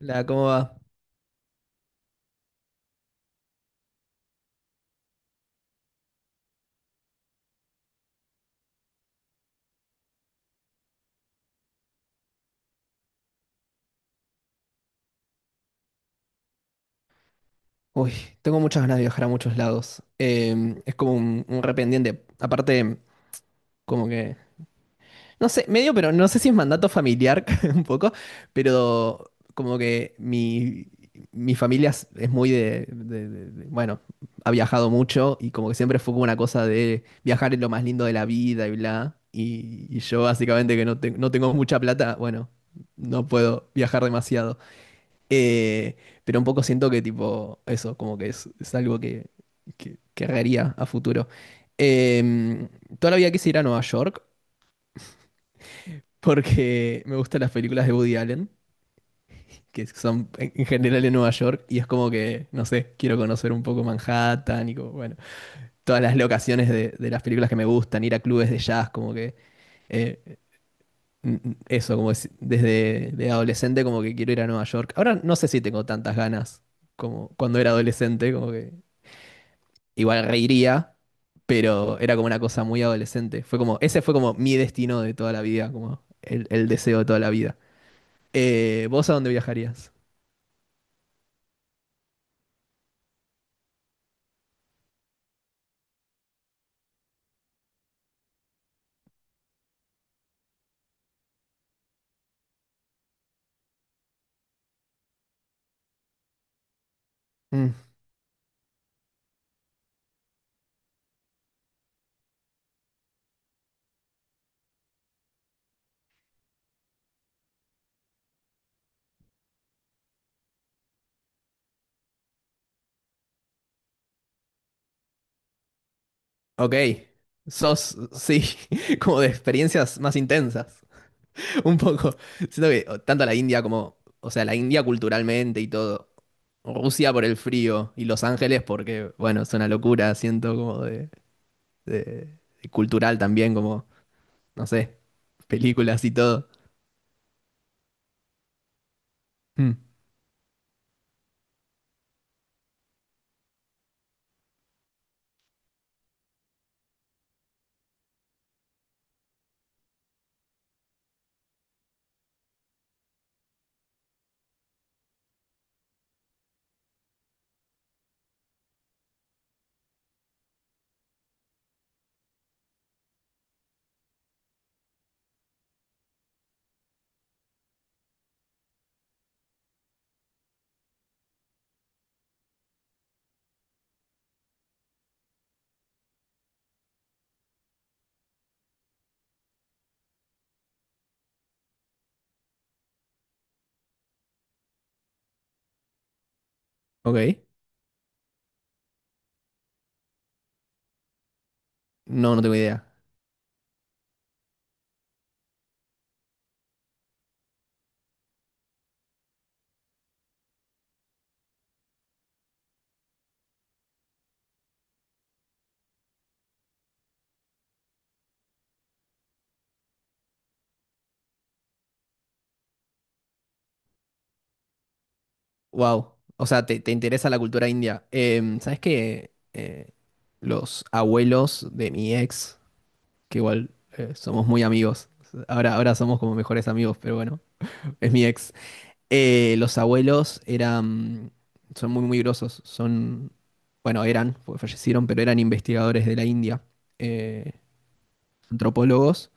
La, ¿cómo va? Uy, tengo muchas ganas de viajar a muchos lados. Es como un rependiente. Aparte, como que, no sé, medio, pero no sé si es mandato familiar un poco, pero como que mi familia es muy de, bueno, ha viajado mucho y como que siempre fue como una cosa de viajar es lo más lindo de la vida y bla. Y yo básicamente que no, no tengo mucha plata, bueno, no puedo viajar demasiado. Eh, pero un poco siento que tipo eso, como que es algo que haría a futuro. Eh, Toda la vida quise ir a Nueva York porque me gustan las películas de Woody Allen, que son en general en Nueva York, y es como que, no sé, quiero conocer un poco Manhattan y como, bueno, todas las locaciones de las películas que me gustan, ir a clubes de jazz, como que... eh, Eso, desde de adolescente, como que quiero ir a Nueva York. Ahora no sé si tengo tantas ganas como cuando era adolescente, como que igual reiría, pero era como una cosa muy adolescente. Fue como, ese fue como mi destino de toda la vida, como el deseo de toda la vida. ¿Vos a dónde viajarías? Mm, ok. Sos, sí, como de experiencias más intensas. Un poco. Siento que o, tanto la India como, o sea, la India culturalmente y todo. Rusia por el frío y Los Ángeles porque, bueno, es una locura, siento como de, de cultural también, como, no sé, películas y todo. Mm, ok. No, no tengo idea. Wow. O sea, te interesa la cultura india. Em, ¿sabes qué? Los abuelos de mi ex, que igual somos muy amigos. Ahora somos como mejores amigos, pero bueno, es mi ex. Los abuelos eran, son muy grosos. Son, bueno, eran, porque fallecieron, pero eran investigadores de la India, eh, antropólogos,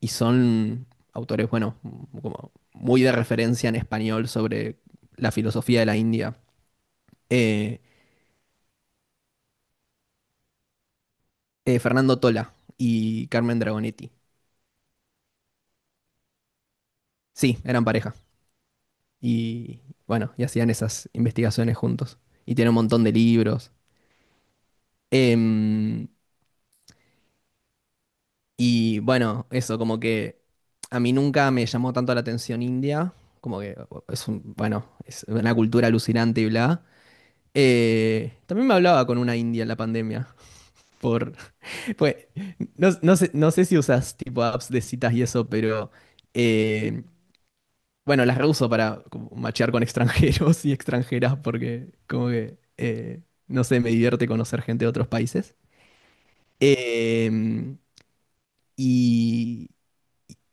y son autores, bueno, como muy de referencia en español sobre la filosofía de la India. eh, Fernando Tola y Carmen Dragonetti. Sí, eran pareja. Y bueno, y hacían esas investigaciones juntos. Y tiene un montón de libros. Em, y bueno, eso, como que a mí nunca me llamó tanto la atención India. Como que es un, bueno, es una cultura alucinante y bla. También me hablaba con una india en la pandemia. Por, pues, no, no sé, no sé si usas tipo apps de citas y eso, pero eh, bueno, las reuso para como machear con extranjeros y extranjeras porque como que, no sé, me divierte conocer gente de otros países. Eh, y,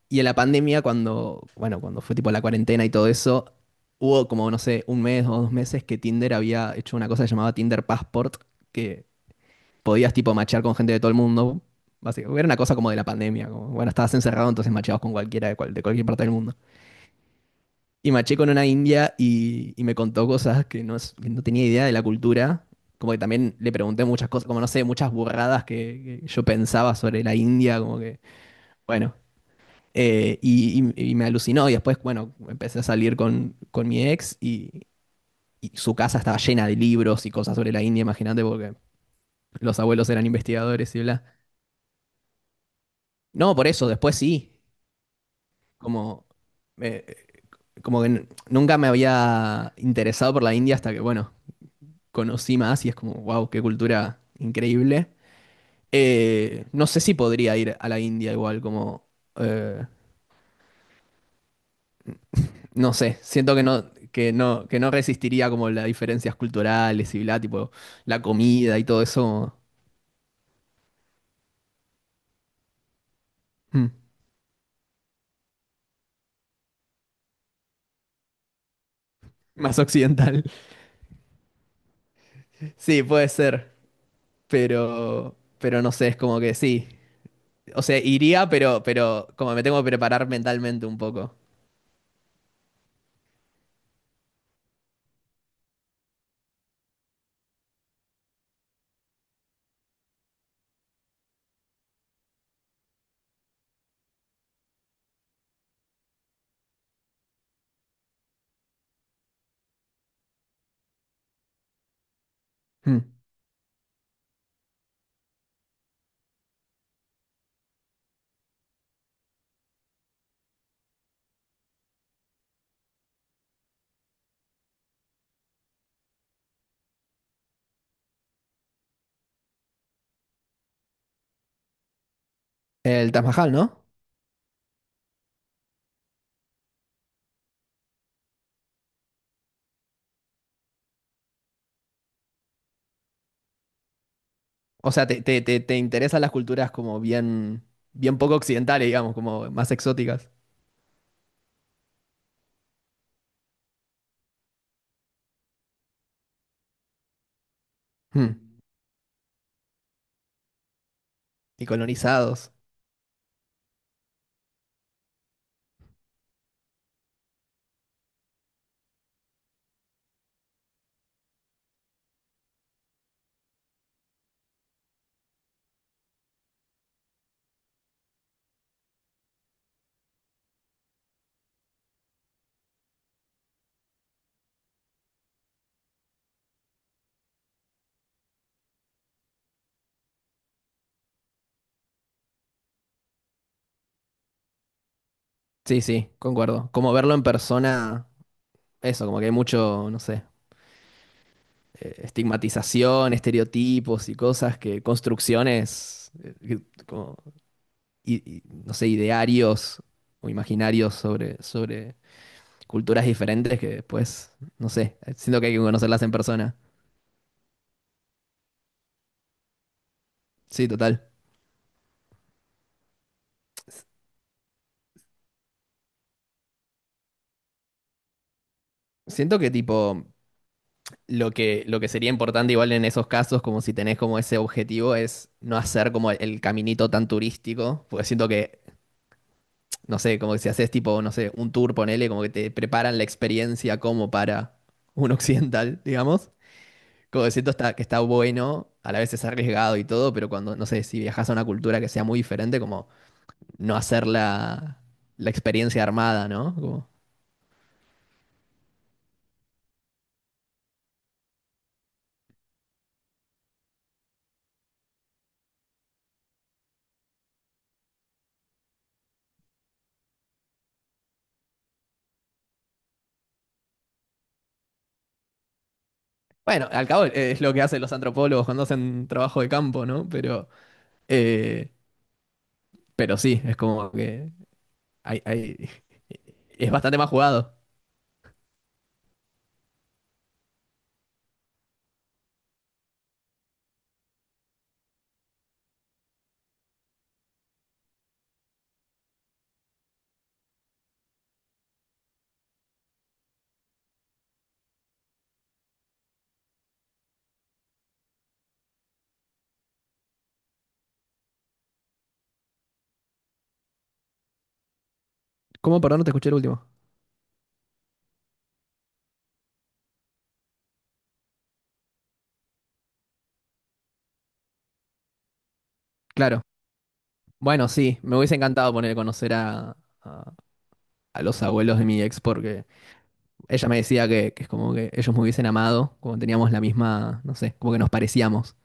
y en la pandemia, cuando, bueno, cuando fue tipo la cuarentena y todo eso, hubo como, no sé, un mes o dos meses que Tinder había hecho una cosa que llamaba Tinder Passport, que podías tipo machear con gente de todo el mundo. Básicamente, era una cosa como de la pandemia, como, bueno, estabas encerrado, entonces macheabas con cualquiera de, de cualquier parte del mundo. Y maché con una india y me contó cosas que no, que no tenía idea de la cultura. Como que también le pregunté muchas cosas, como no sé, muchas burradas que yo pensaba sobre la India, como que, bueno. Y me alucinó. Y después, bueno, empecé a salir con mi ex y su casa estaba llena de libros y cosas sobre la India, imagínate, porque los abuelos eran investigadores y bla. No, por eso, después sí. Como, eh, nunca me había interesado por la India hasta que, bueno, conocí más y es como, wow, qué cultura increíble. No sé si podría ir a la India igual, como, eh, no sé, siento que no, que no resistiría como las diferencias culturales y bla, tipo, la comida y todo eso mm, más occidental. Sí, puede ser, pero no sé, es como que sí. O sea, iría, pero como me tengo que preparar mentalmente un poco. Mm. El Taj Mahal, ¿no? O sea, te interesan las culturas como bien, bien poco occidentales, digamos, como más exóticas. Hmm. Y colonizados. Sí, sí, concuerdo. Como verlo en persona, eso, como que hay mucho, no sé, estigmatización, estereotipos y cosas que, construcciones, como, no sé, idearios o imaginarios sobre, sobre culturas diferentes que después, no sé, siento que hay que conocerlas en persona. Sí, total. Siento que tipo... lo que sería importante igual en esos casos, como si tenés como ese objetivo, es no hacer como el, caminito tan turístico, porque siento que, no sé, como que si haces tipo, no sé, un tour, ponele, como que te preparan la experiencia como para un occidental, digamos. Como que siento está, que está bueno, a la vez es arriesgado y todo, pero cuando, no sé, si viajas a una cultura que sea muy diferente, como no hacer la, la experiencia armada, ¿no? Como bueno, al cabo es lo que hacen los antropólogos cuando hacen trabajo de campo, ¿no? Pero... eh, pero sí, es como que hay- es bastante más jugado. ¿Cómo, perdón, no te escuché el último? Claro. Bueno, sí, me hubiese encantado poner a conocer a, a- a los abuelos de mi ex porque ella me decía que es como que ellos me hubiesen amado, como teníamos la misma, no sé, como que nos parecíamos,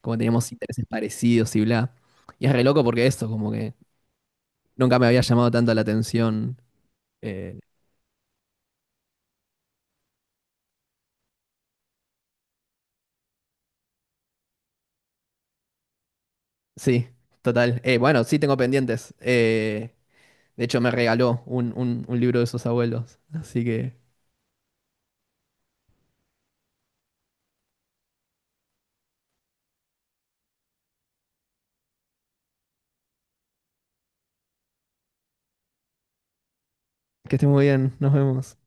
como teníamos intereses parecidos y bla. Y es re loco porque eso, como que nunca me había llamado tanto la atención. eh, sí, total. Bueno, sí tengo pendientes. De hecho, me regaló un libro de sus abuelos. Así que esté muy bien. Nos vemos.